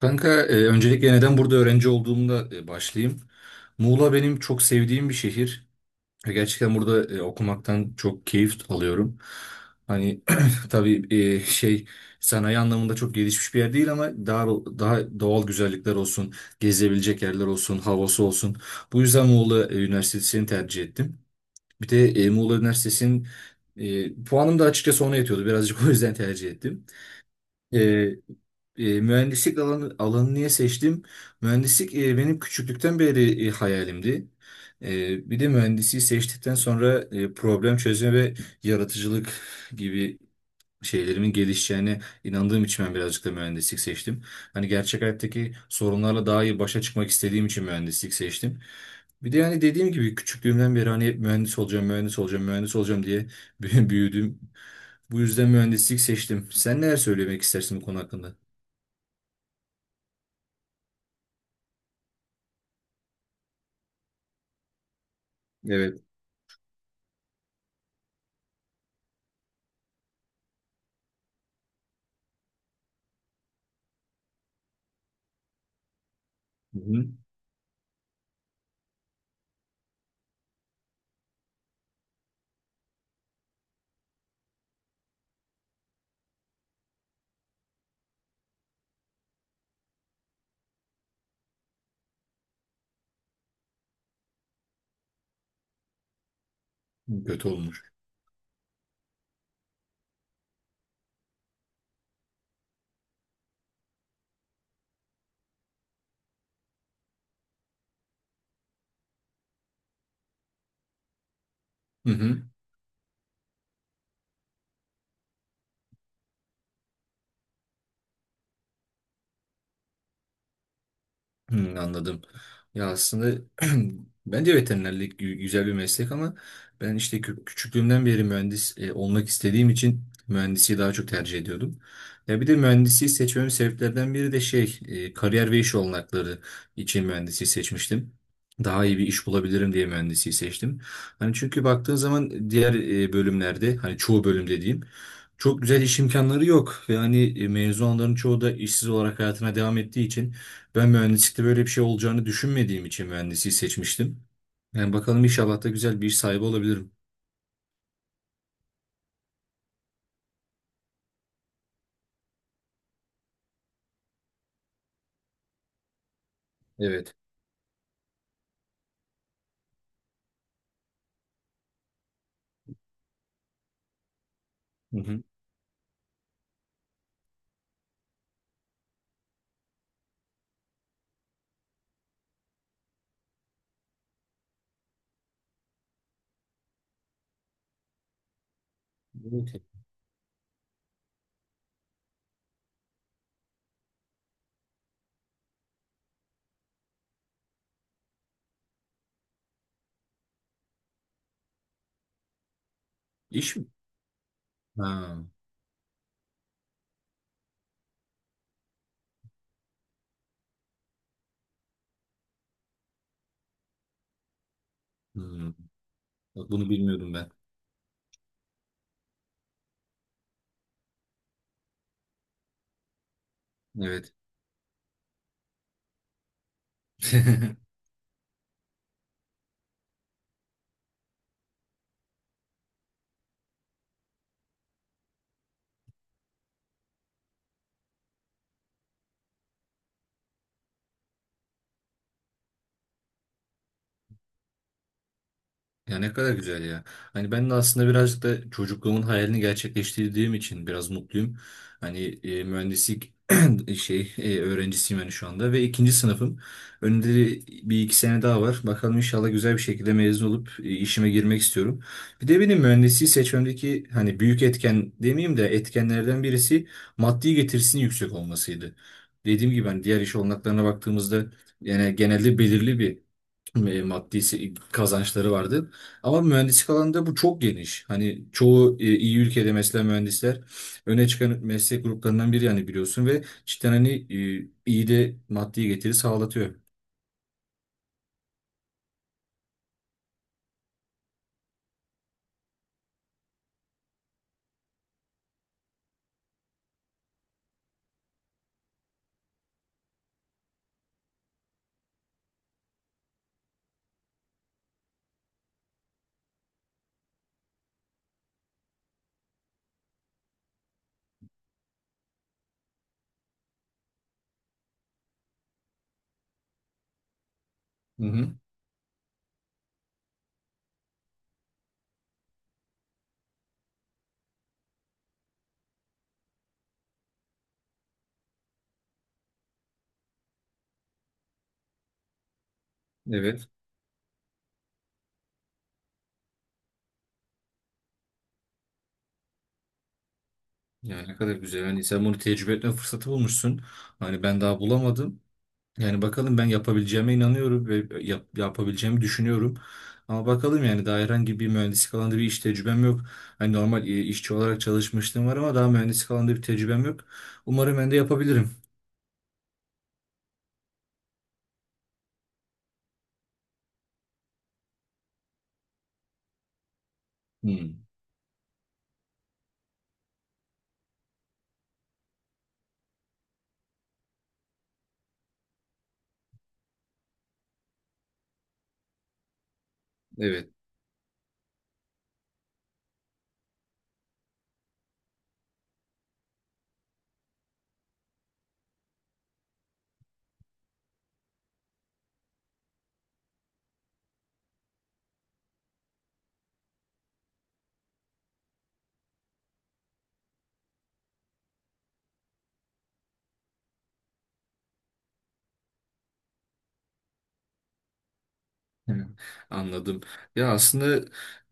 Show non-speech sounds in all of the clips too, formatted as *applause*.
Kanka, öncelikle neden burada öğrenci olduğumda başlayayım. Muğla benim çok sevdiğim bir şehir. Gerçekten burada okumaktan çok keyif alıyorum. Hani *clears throat* tabii sanayi anlamında çok gelişmiş bir yer değil ama daha doğal güzellikler olsun, gezebilecek yerler olsun, havası olsun. Bu yüzden Muğla Üniversitesi'ni tercih ettim. Bir de Muğla Üniversitesi'nin puanım da açıkçası ona yetiyordu. Birazcık *laughs* o yüzden tercih ettim. E, mühendislik alanı niye seçtim? Mühendislik benim küçüklükten beri hayalimdi. Bir de mühendisliği seçtikten sonra problem çözme ve yaratıcılık gibi şeylerimin gelişeceğine inandığım için ben birazcık da mühendislik seçtim. Hani gerçek hayattaki sorunlarla daha iyi başa çıkmak istediğim için mühendislik seçtim. Bir de yani dediğim gibi küçüklüğümden beri hani hep mühendis olacağım, mühendis olacağım, mühendis olacağım diye *laughs* büyüdüm. Bu yüzden mühendislik seçtim. Sen neler söylemek istersin bu konu hakkında? Evet. Hı hı. Kötü olmuş. Hı hı. Hmm, anladım. Ya aslında *clears throat* bence veterinerlik güzel bir meslek ama ben işte küçüklüğümden beri mühendis olmak istediğim için mühendisliği daha çok tercih ediyordum. Ya bir de mühendisliği seçmemin sebeplerden biri de kariyer ve iş olanakları için mühendisliği seçmiştim. Daha iyi bir iş bulabilirim diye mühendisliği seçtim. Hani çünkü baktığın zaman diğer bölümlerde hani çoğu bölüm dediğim çok güzel iş imkanları yok ve hani mezun çoğu da işsiz olarak hayatına devam ettiği için ben mühendislikte böyle bir şey olacağını düşünmediğim için mühendisliği seçmiştim. Yani bakalım inşallah da güzel bir iş sahibi olabilirim. Evet. Hı hı. Evet. İş mi? Ha. Hmm. Bak bunu bilmiyordum ben. Evet. *laughs* Ya ne kadar güzel ya. Hani ben de aslında birazcık da çocukluğumun hayalini gerçekleştirdiğim için biraz mutluyum. Hani mühendislik *clears throat* öğrencisiyim hani şu anda ve ikinci sınıfım. Önümde de bir iki sene daha var. Bakalım inşallah güzel bir şekilde mezun olup işime girmek istiyorum. Bir de benim mühendisliği seçmemdeki hani büyük etken demeyeyim de etkenlerden birisi maddi getirisinin yüksek olmasıydı. Dediğim gibi hani diğer iş olanaklarına baktığımızda yani genelde belirli bir maddi kazançları vardı. Ama mühendislik alanında bu çok geniş. Hani çoğu iyi ülkede mesela mühendisler öne çıkan meslek gruplarından biri yani biliyorsun ve cidden hani iyi de maddi getiri sağlatıyor. Hı hı. Evet. Yani ne kadar güzel. Hani sen bunu tecrübe etme fırsatı bulmuşsun. Hani ben daha bulamadım. Yani bakalım ben yapabileceğime inanıyorum ve yapabileceğimi düşünüyorum. Ama bakalım yani daha herhangi bir mühendislik alanında bir iş tecrübem yok. Hani normal işçi olarak çalışmışlığım var ama daha mühendislik alanında bir tecrübem yok. Umarım ben de yapabilirim. Hmm, evet. Hı, Anladım. Ya aslında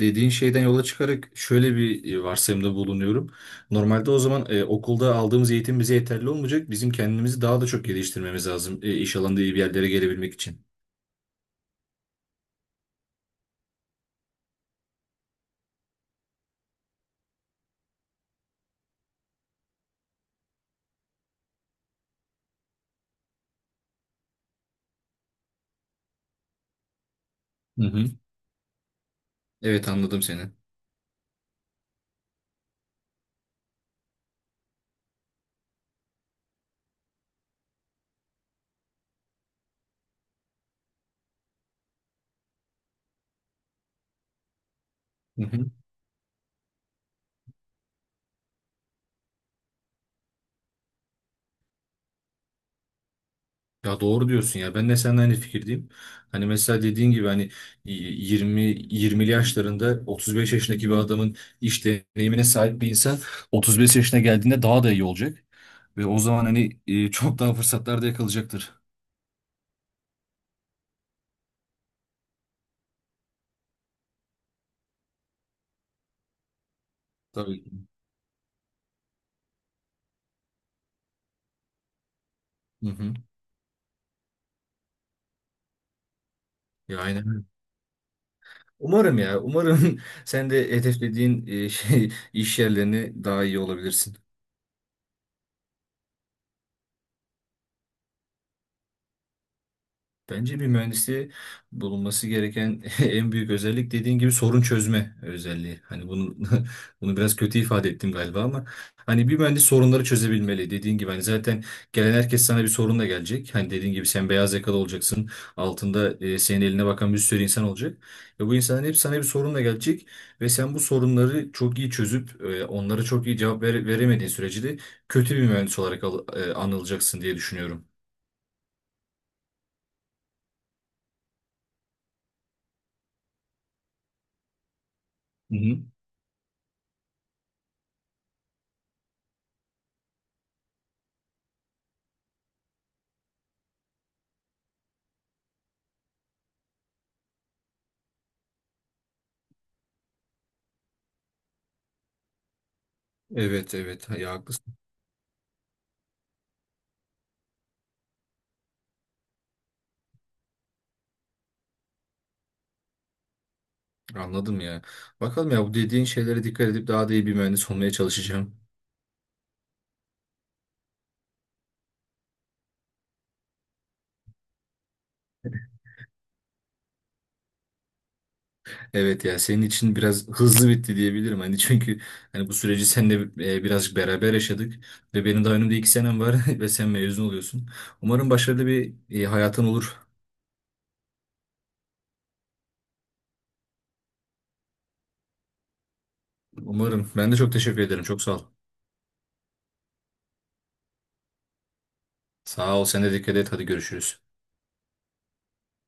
dediğin şeyden yola çıkarak şöyle bir varsayımda bulunuyorum. Normalde o zaman okulda aldığımız eğitim bize yeterli olmayacak. Bizim kendimizi daha da çok geliştirmemiz lazım iş alanında iyi bir yerlere gelebilmek için. Hı hı. Evet anladım seni. Hı hı. Ya doğru diyorsun ya. Ben de seninle aynı fikirdeyim. Hani mesela dediğin gibi hani 20 20'li yaşlarında 35 yaşındaki bir adamın iş deneyimine sahip bir insan 35 yaşına geldiğinde daha da iyi olacak. Ve o zaman hani çok daha fırsatlar da yakalayacaktır. Tabii. Hı hı. Ya aynen. Öyle. Umarım ya. Umarım *laughs* sen de hedeflediğin iş yerlerini daha iyi olabilirsin. Bence bir mühendisi bulunması gereken *laughs* en büyük özellik dediğin gibi sorun çözme özelliği. Hani bunu *laughs* bunu biraz kötü ifade ettim galiba ama hani bir mühendis sorunları çözebilmeli. Dediğin gibi hani zaten gelen herkes sana bir sorunla gelecek. Hani dediğin gibi sen beyaz yakalı olacaksın. Altında senin eline bakan bir sürü insan olacak. Ve bu insanların hep sana bir sorunla gelecek ve sen bu sorunları çok iyi çözüp onlara çok iyi cevap veremediğin sürece de kötü bir mühendis olarak anılacaksın diye düşünüyorum. Hı hı. Evet evet ya haklısın. Anladım ya. Bakalım ya bu dediğin şeylere dikkat edip daha da iyi bir mühendis olmaya çalışacağım. Evet ya senin için biraz hızlı bitti diyebilirim. Hani çünkü hani bu süreci seninle birazcık beraber yaşadık ve benim daha önümde iki senem var *laughs* ve sen mezun oluyorsun. Umarım başarılı bir hayatın olur. Umarım. Ben de çok teşekkür ederim. Çok sağ ol. Sağ ol. Sen de dikkat et. Hadi görüşürüz.